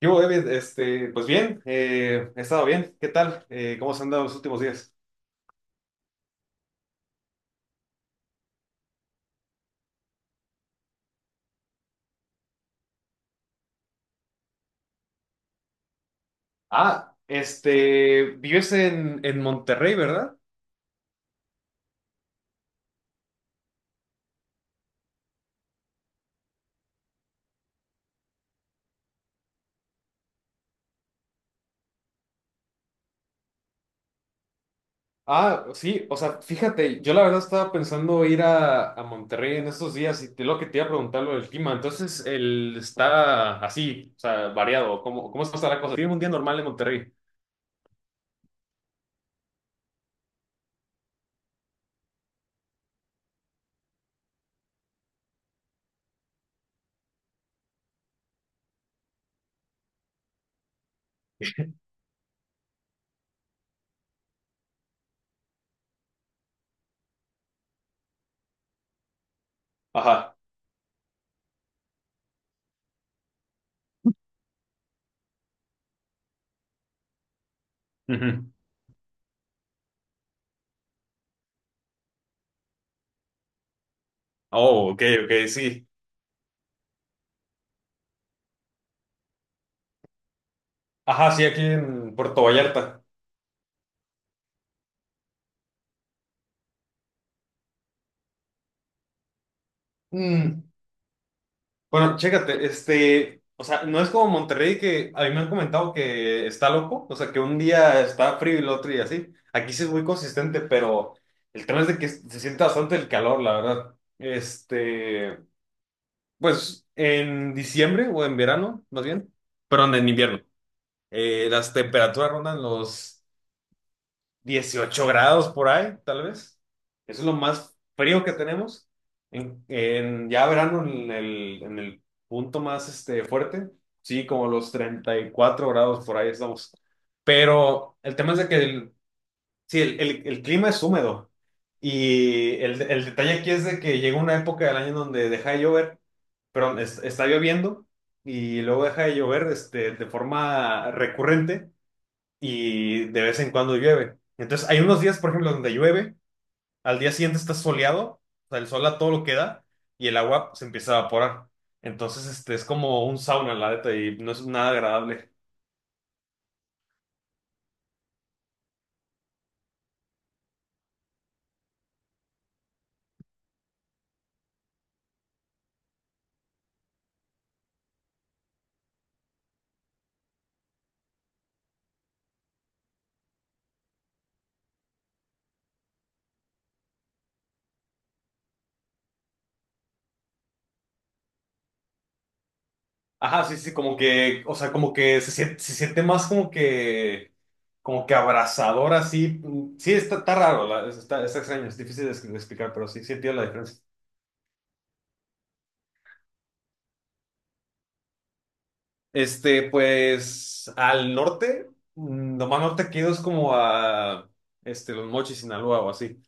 Yo, David, pues bien, he estado bien. ¿Qué tal? ¿Cómo se han dado los últimos días? Ah, vives en Monterrey, ¿verdad? Ah, sí, o sea, fíjate, yo la verdad estaba pensando ir a Monterrey en estos días y te, lo que te iba a preguntar lo del clima. Entonces, el está así, o sea, variado. ¿Cómo está la cosa? ¿Tiene un día normal en Monterrey? Ajá. Ujú. Oh, ok, ok, sí. Ajá, sí, aquí en Puerto Vallarta. Mm. Bueno, chécate, o sea, no es como Monterrey que a mí me han comentado que está loco, o sea, que un día está frío y el otro día así. Aquí sí es muy consistente, pero el tema es de que se siente bastante el calor, la verdad. Pues en diciembre o en verano, más bien, perdón, en invierno, las temperaturas rondan los 18 grados por ahí, tal vez. Eso es lo más frío que tenemos. Ya verano, en el punto más fuerte, sí, como los 34 grados por ahí estamos. Pero el tema es de que sí, el clima es húmedo. Y el detalle aquí es de que llega una época del año donde deja de llover, pero está lloviendo y luego deja de llover de forma recurrente y de vez en cuando llueve. Entonces, hay unos días, por ejemplo, donde llueve, al día siguiente está soleado, o sea, el sol a todo lo que da y el agua se empieza a evaporar. Entonces, este es como un sauna, la neta, y no es nada agradable. Ajá, sí, sí, como que, o sea, como que se siente más como que abrazador, así. Sí, está, está raro, está, está extraño, es difícil de explicar, pero sí, sí entiendo la diferencia. Pues al norte, lo más norte que he ido es como a Los Mochis, Sinaloa o así.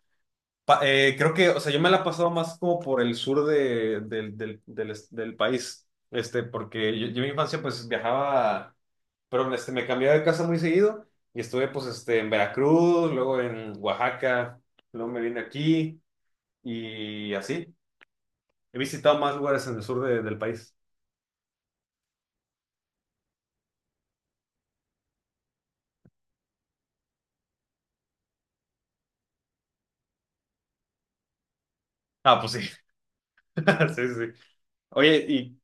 Creo que, o sea, yo me la he pasado más como por el sur de, del, del, del, est- del país, porque yo en mi infancia pues viajaba, pero me cambiaba de casa muy seguido y estuve pues en Veracruz, luego en Oaxaca, luego me vine aquí y así. He visitado más lugares en el sur del país. Ah, pues sí, sí, sí. Oye, ¿y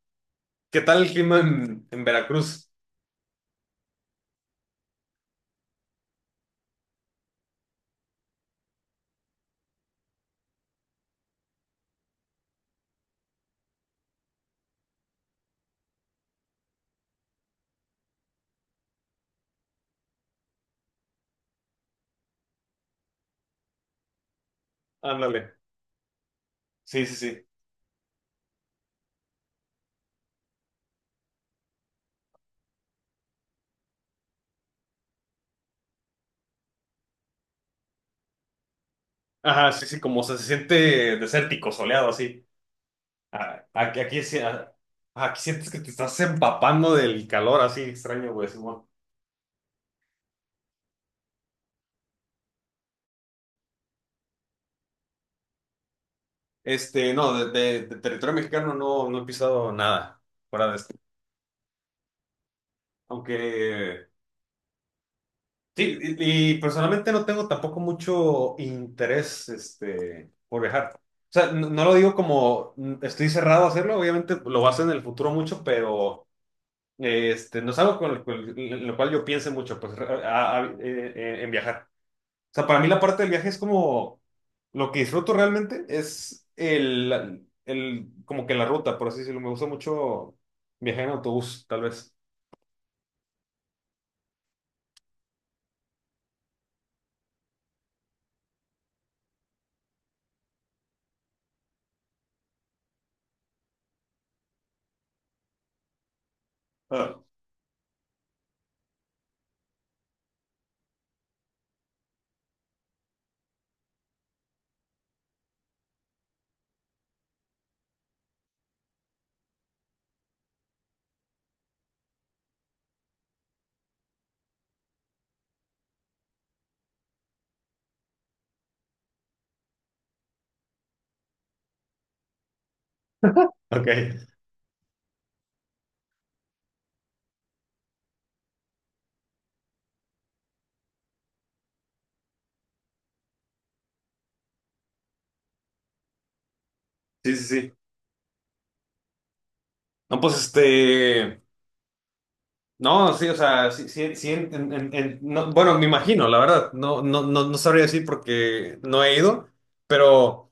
¿qué tal el clima en Veracruz? Ándale. Sí, sí, sí. Ajá, sí, sí, como se siente desértico, soleado, así. Ah, aquí, sí, ah, aquí sientes que te estás empapando del calor, así extraño, güey. Simón. No, de territorio mexicano no, no he pisado nada fuera de esto. Aunque, sí, y personalmente no tengo tampoco mucho interés, por viajar. O sea, no, no lo digo como estoy cerrado a hacerlo, obviamente lo vas a hacer en el futuro mucho, pero no es algo con lo, cual en lo cual yo piense mucho, pues, en viajar. O sea, para mí la parte del viaje es como lo que disfruto realmente es el como que la ruta, por así decirlo. Me gusta mucho viajar en autobús, tal vez. Ah, ok. Sí, sí, sí. No, pues este. No, sí, o sea, sí, sí, sí, no, bueno, me imagino, la verdad, no, no, no, no sabría decir porque no he ido, pero.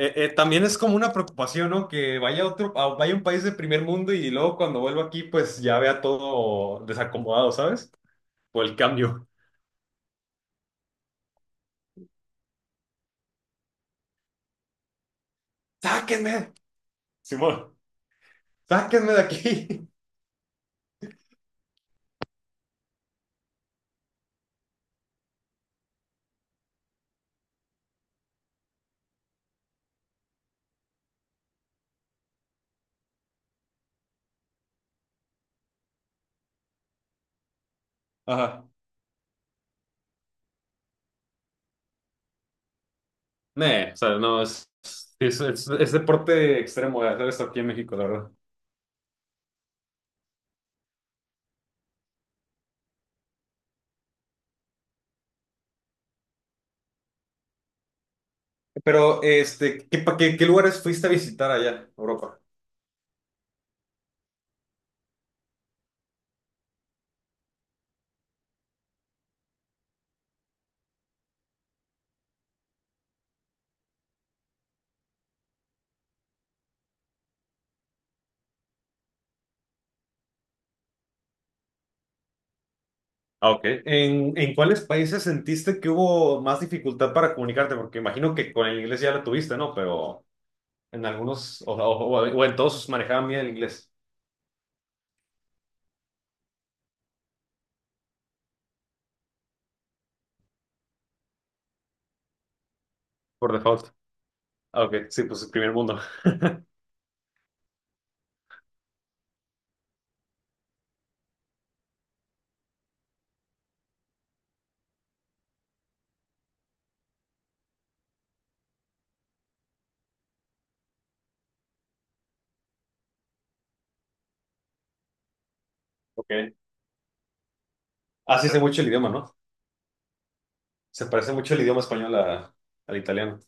También es como una preocupación, ¿no? Que vaya a otro, vaya a un país de primer mundo y luego cuando vuelvo aquí, pues ya vea todo desacomodado, ¿sabes? Por el cambio. ¡Sáquenme! Simón, ¡sáquenme de aquí! Ajá. Nee, o sea, no, es, es deporte extremo de hacer esto aquí en México, la verdad. Pero, ¿qué, qué lugares fuiste a visitar allá, Europa? Ah, ok. En cuáles países sentiste que hubo más dificultad para comunicarte? Porque imagino que con el inglés ya lo tuviste, ¿no? Pero... En algunos, o en todos manejaban bien el inglés. Por default. Ah, ok, sí, pues el primer mundo. Ok. Así se mucho el idioma, ¿no? Se parece mucho el idioma español al italiano.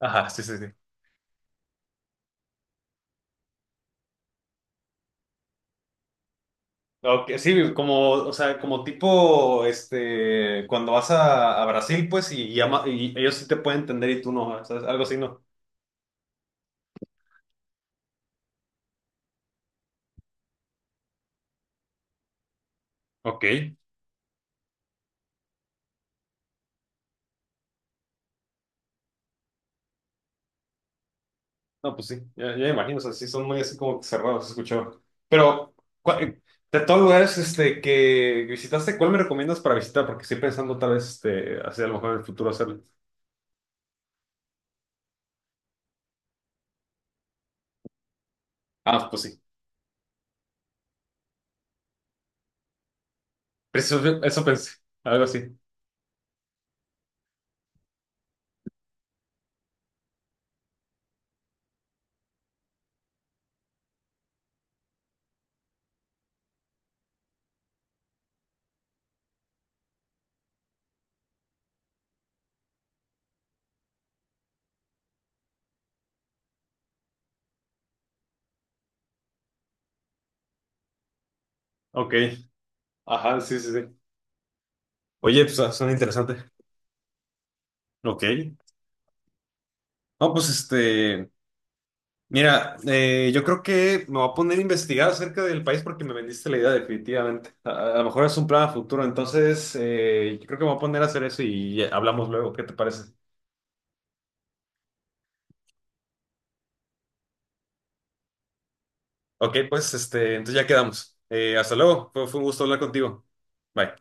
Ajá, sí, sí, sí. Ok, sí, como, o sea, como tipo, cuando vas a Brasil, pues, y, y ellos sí te pueden entender y tú no, ¿sabes? Algo así, ¿no? Ok, no, pues sí, ya, ya me imagino, o sea, sí son muy así como que cerrados, escuchó. Pero, ¿cuál- eh, de todos los lugares que visitaste, ¿cuál me recomiendas para visitar? Porque estoy pensando tal vez hacer a lo mejor en el futuro hacerlo. Ah, pues sí, eso, pensé, algo así. Ok, ajá, sí, sí, sí. Oye, pues ah, suena interesante. Ok. No, pues mira, yo creo que me voy a poner a investigar acerca del país porque me vendiste la idea definitivamente. A lo mejor es un plan a futuro, entonces yo creo que me voy a poner a hacer eso y hablamos luego, ¿qué te parece? Ok, pues entonces ya quedamos. Hasta luego, fue un gusto hablar contigo. Bye.